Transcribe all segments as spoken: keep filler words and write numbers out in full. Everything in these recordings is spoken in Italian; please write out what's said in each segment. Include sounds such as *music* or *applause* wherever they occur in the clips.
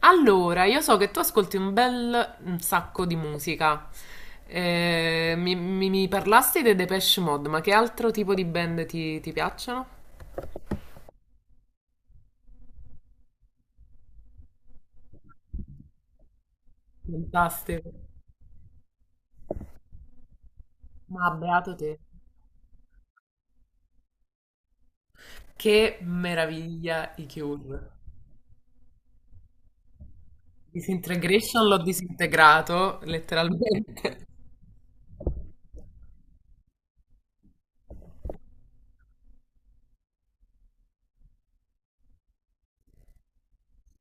Allora, io so che tu ascolti un bel un sacco di musica. Eh, mi, mi- mi parlasti dei Depeche Mode, ma che altro tipo di band ti, ti piacciono? Fantastico. Ma beato te. Che meraviglia i Cure. Disintegration l'ho disintegrato, letteralmente. *laughs*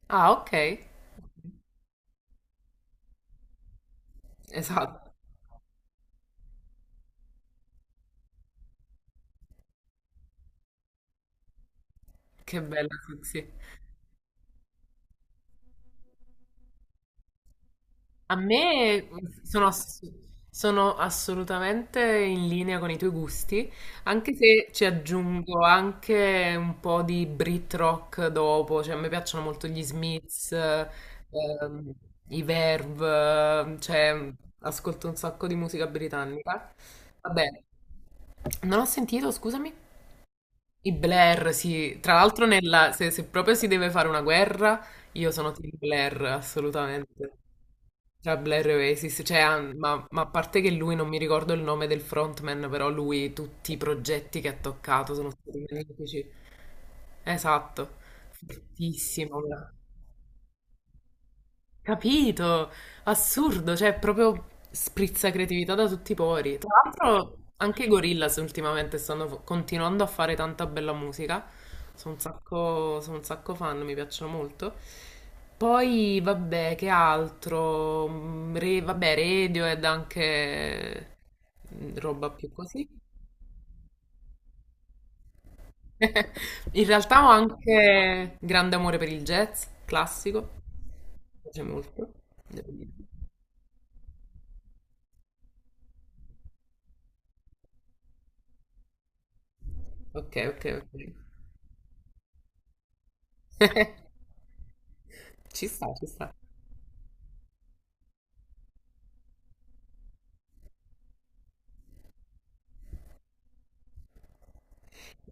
Ah, ok. Esatto. Che bella, sì, sì. A me sono, ass- Sono assolutamente in linea con i tuoi gusti, anche se ci aggiungo anche un po' di Brit rock dopo, cioè a me piacciono molto gli Smiths, ehm, i Verve, eh, cioè ascolto un sacco di musica britannica. Vabbè, non ho sentito, scusami, i Blair, sì, tra l'altro nella- se, se proprio si deve fare una guerra, io sono team Blair, assolutamente. Tra Blair e Oasis, cioè, ah, ma, ma a parte che lui non mi ricordo il nome del frontman, però lui tutti i progetti che ha toccato sono stati magnifici. Esatto, fortissimo. Capito? Assurdo, cioè proprio sprizza creatività da tutti i pori. Tra l'altro anche i Gorillaz ultimamente stanno f- continuando a fare tanta bella musica. Sono un sacco, sono un sacco fan, mi piacciono molto. Poi, vabbè, che altro? Mm, Re, vabbè, Radiohead anche, mm, roba più così. *laughs* In realtà ho anche grande amore per il jazz classico. Mi piace molto, devo dire. Ok, ok, ok. *laughs* Ci sta, ci sta.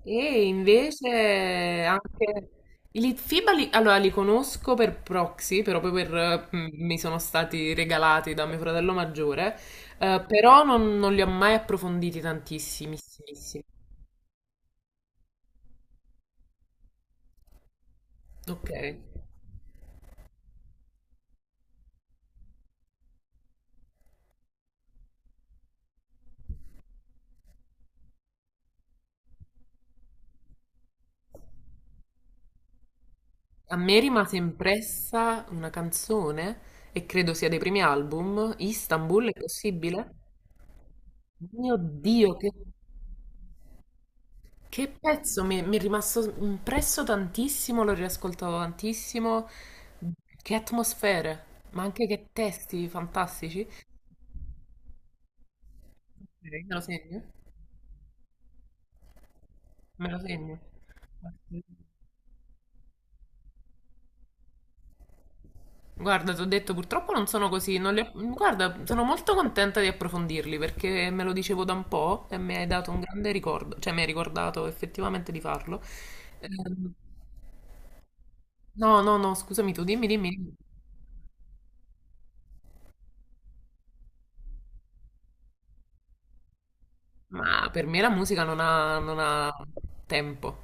E invece anche i FIBA li, allora, li conosco per proxy, però poi per, mm, mi sono stati regalati da mio fratello maggiore, eh, però non, non li ho mai approfonditi tantissimi. Ok. A me rimase impressa una canzone, e credo sia dei primi album, Istanbul, è possibile? Mio Dio, che... Che pezzo mi, mi è rimasto impresso tantissimo, l'ho riascoltato tantissimo. Che atmosfere, ma anche che testi fantastici. Ok, me lo segno, me lo segno. Guarda, ti ho detto, purtroppo non sono così, non li ho- guarda, sono molto contenta di approfondirli perché me lo dicevo da un po' e mi hai dato un grande ricordo, cioè mi hai ricordato effettivamente di farlo. Ehm, no, no, no, scusami tu, dimmi, dimmi. Ma per me la musica non ha, non ha tempo,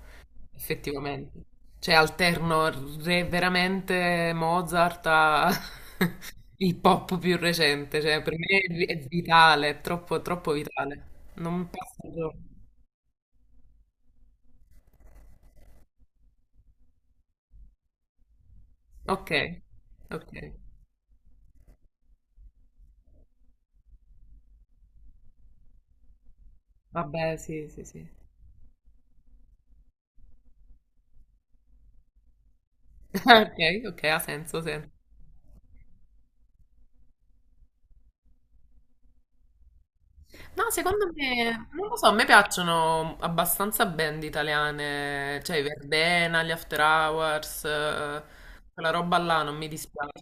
effettivamente. Cioè, alterno re- veramente Mozart a *laughs* il pop più recente. Cioè, per me è vi- è vitale, è troppo, troppo vitale. Non passa il giorno. Ok, ok. Vabbè, sì, sì, sì. *laughs* Ok, ok, ha senso, senso. No, secondo me, non lo so, a me piacciono abbastanza band italiane, cioè i Verdena, gli After Hours, eh, quella roba là non mi dispiace.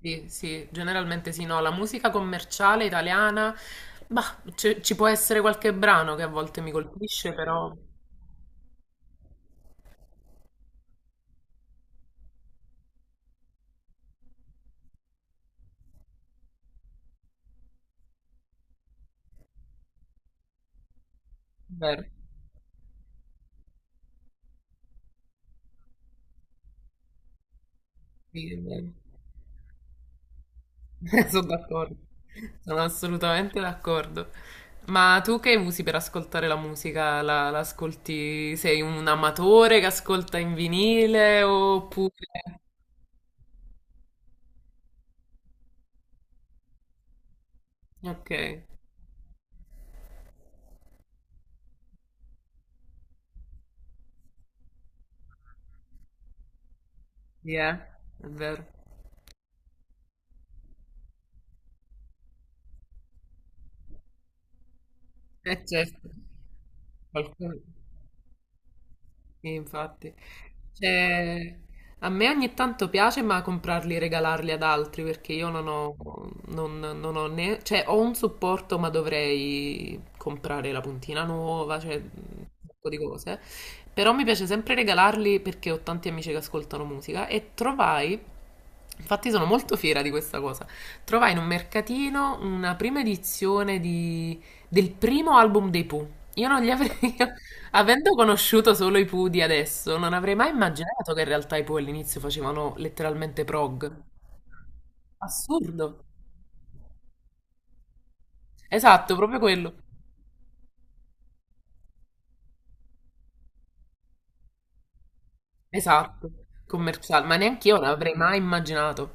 Sì, sì, generalmente sì, no, la musica commerciale italiana, bah, c- ci può essere qualche brano che a volte mi colpisce, però... Vero, sì, è vero. *laughs* Sono d'accordo, sono assolutamente d'accordo. Ma tu che usi per ascoltare la musica? La, la ascolti? Sei un amatore che ascolta in vinile oppure... Ok, yeah, è vero. Eh certo, qualcuno. Sì, infatti. Cioè, a me ogni tanto piace, ma comprarli e regalarli ad altri perché io non ho, non, non ho né, cioè, ho un supporto, ma dovrei comprare la puntina nuova, cioè, un sacco di cose. Però mi piace sempre regalarli perché ho tanti amici che ascoltano musica e trovai, infatti sono molto fiera di questa cosa, trovai in un mercatino una prima edizione di- del primo album dei Pooh. Io non li avrei, *laughs* avendo conosciuto solo i Pooh di adesso, non avrei mai immaginato che in realtà i Pooh all'inizio facevano letteralmente prog. Assurdo. Esatto, proprio quello. Esatto. Commerciale, ma neanche io l'avrei mai immaginato.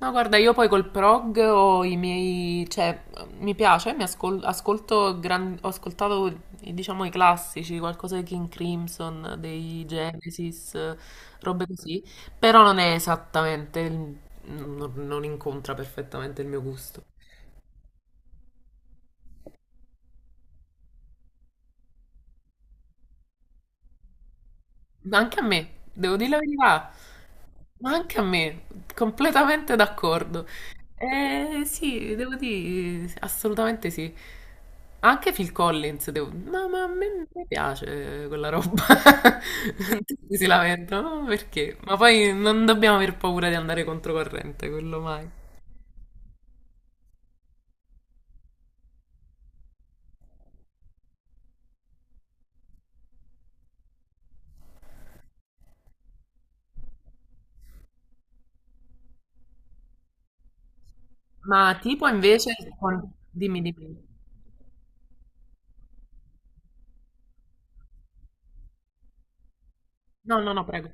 No, guarda, io poi col prog ho i miei, cioè, mi piace, mi ascol- ascolto gran- ho ascoltato, diciamo, i classici, qualcosa di King Crimson, dei Genesis, eh, robe così, però non è esattamente il- non non incontra perfettamente il mio gusto. Ma anche a me, devo dire la verità, ma anche a me, completamente d'accordo. Eh sì, devo dire, assolutamente sì. Anche Phil Collins, devo... ma, ma a me mi piace eh, quella roba. *laughs* Tutti si lamentano, ma perché? Ma poi non dobbiamo aver paura di andare controcorrente, quello mai. Ma tipo invece, con- dimmi, dimmi. No, no, no, prego.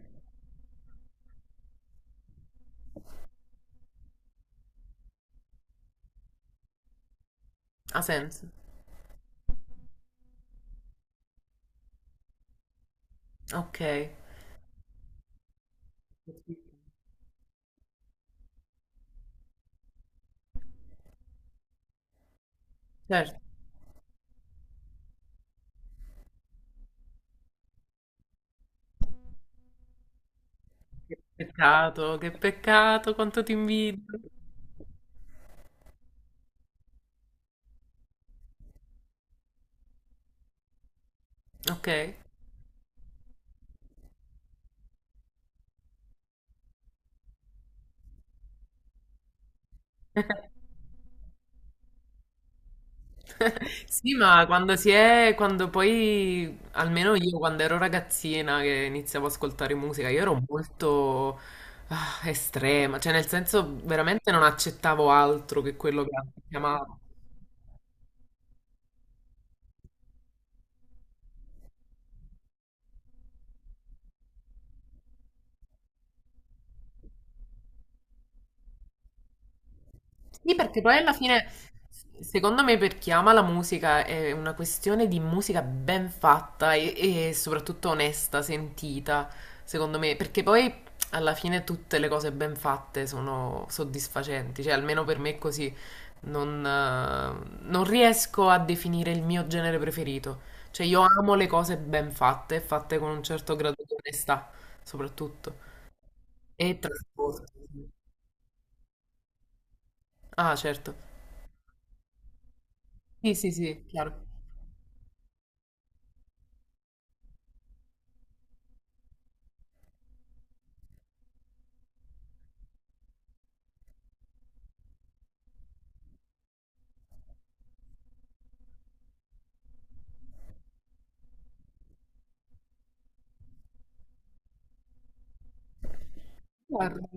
Ha senso. Ok. Certo. Peccato, che peccato, quanto ti invidio. Ok. *laughs* Sì, ma quando si è, quando poi, almeno io quando ero ragazzina che iniziavo ad ascoltare musica, io ero molto ah, estrema, cioè nel senso veramente non accettavo altro che quello che chiamava. Sì, perché poi alla fine, secondo me, per chi ama la musica è una questione di musica ben fatta e, e soprattutto onesta, sentita, secondo me, perché poi alla fine tutte le cose ben fatte sono soddisfacenti, cioè almeno per me è così, non, eh, non riesco a definire il mio genere preferito, cioè io amo le cose ben fatte, e fatte con un certo grado di onestà, soprattutto, e trasporto. Ah, certo. Sì, sì, sì, chiaro. Guarda.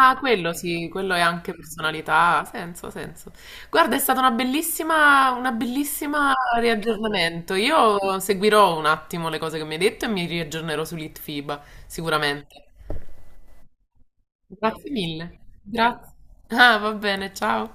Ah, quello sì, quello è anche personalità, ha senso, ha senso. Guarda, è stata una bellissima, una bellissima riaggiornamento. Io seguirò un attimo le cose che mi hai detto e mi riaggiornerò sull'ITFIBA, sicuramente. Grazie mille. Grazie. Ah, va bene, ciao.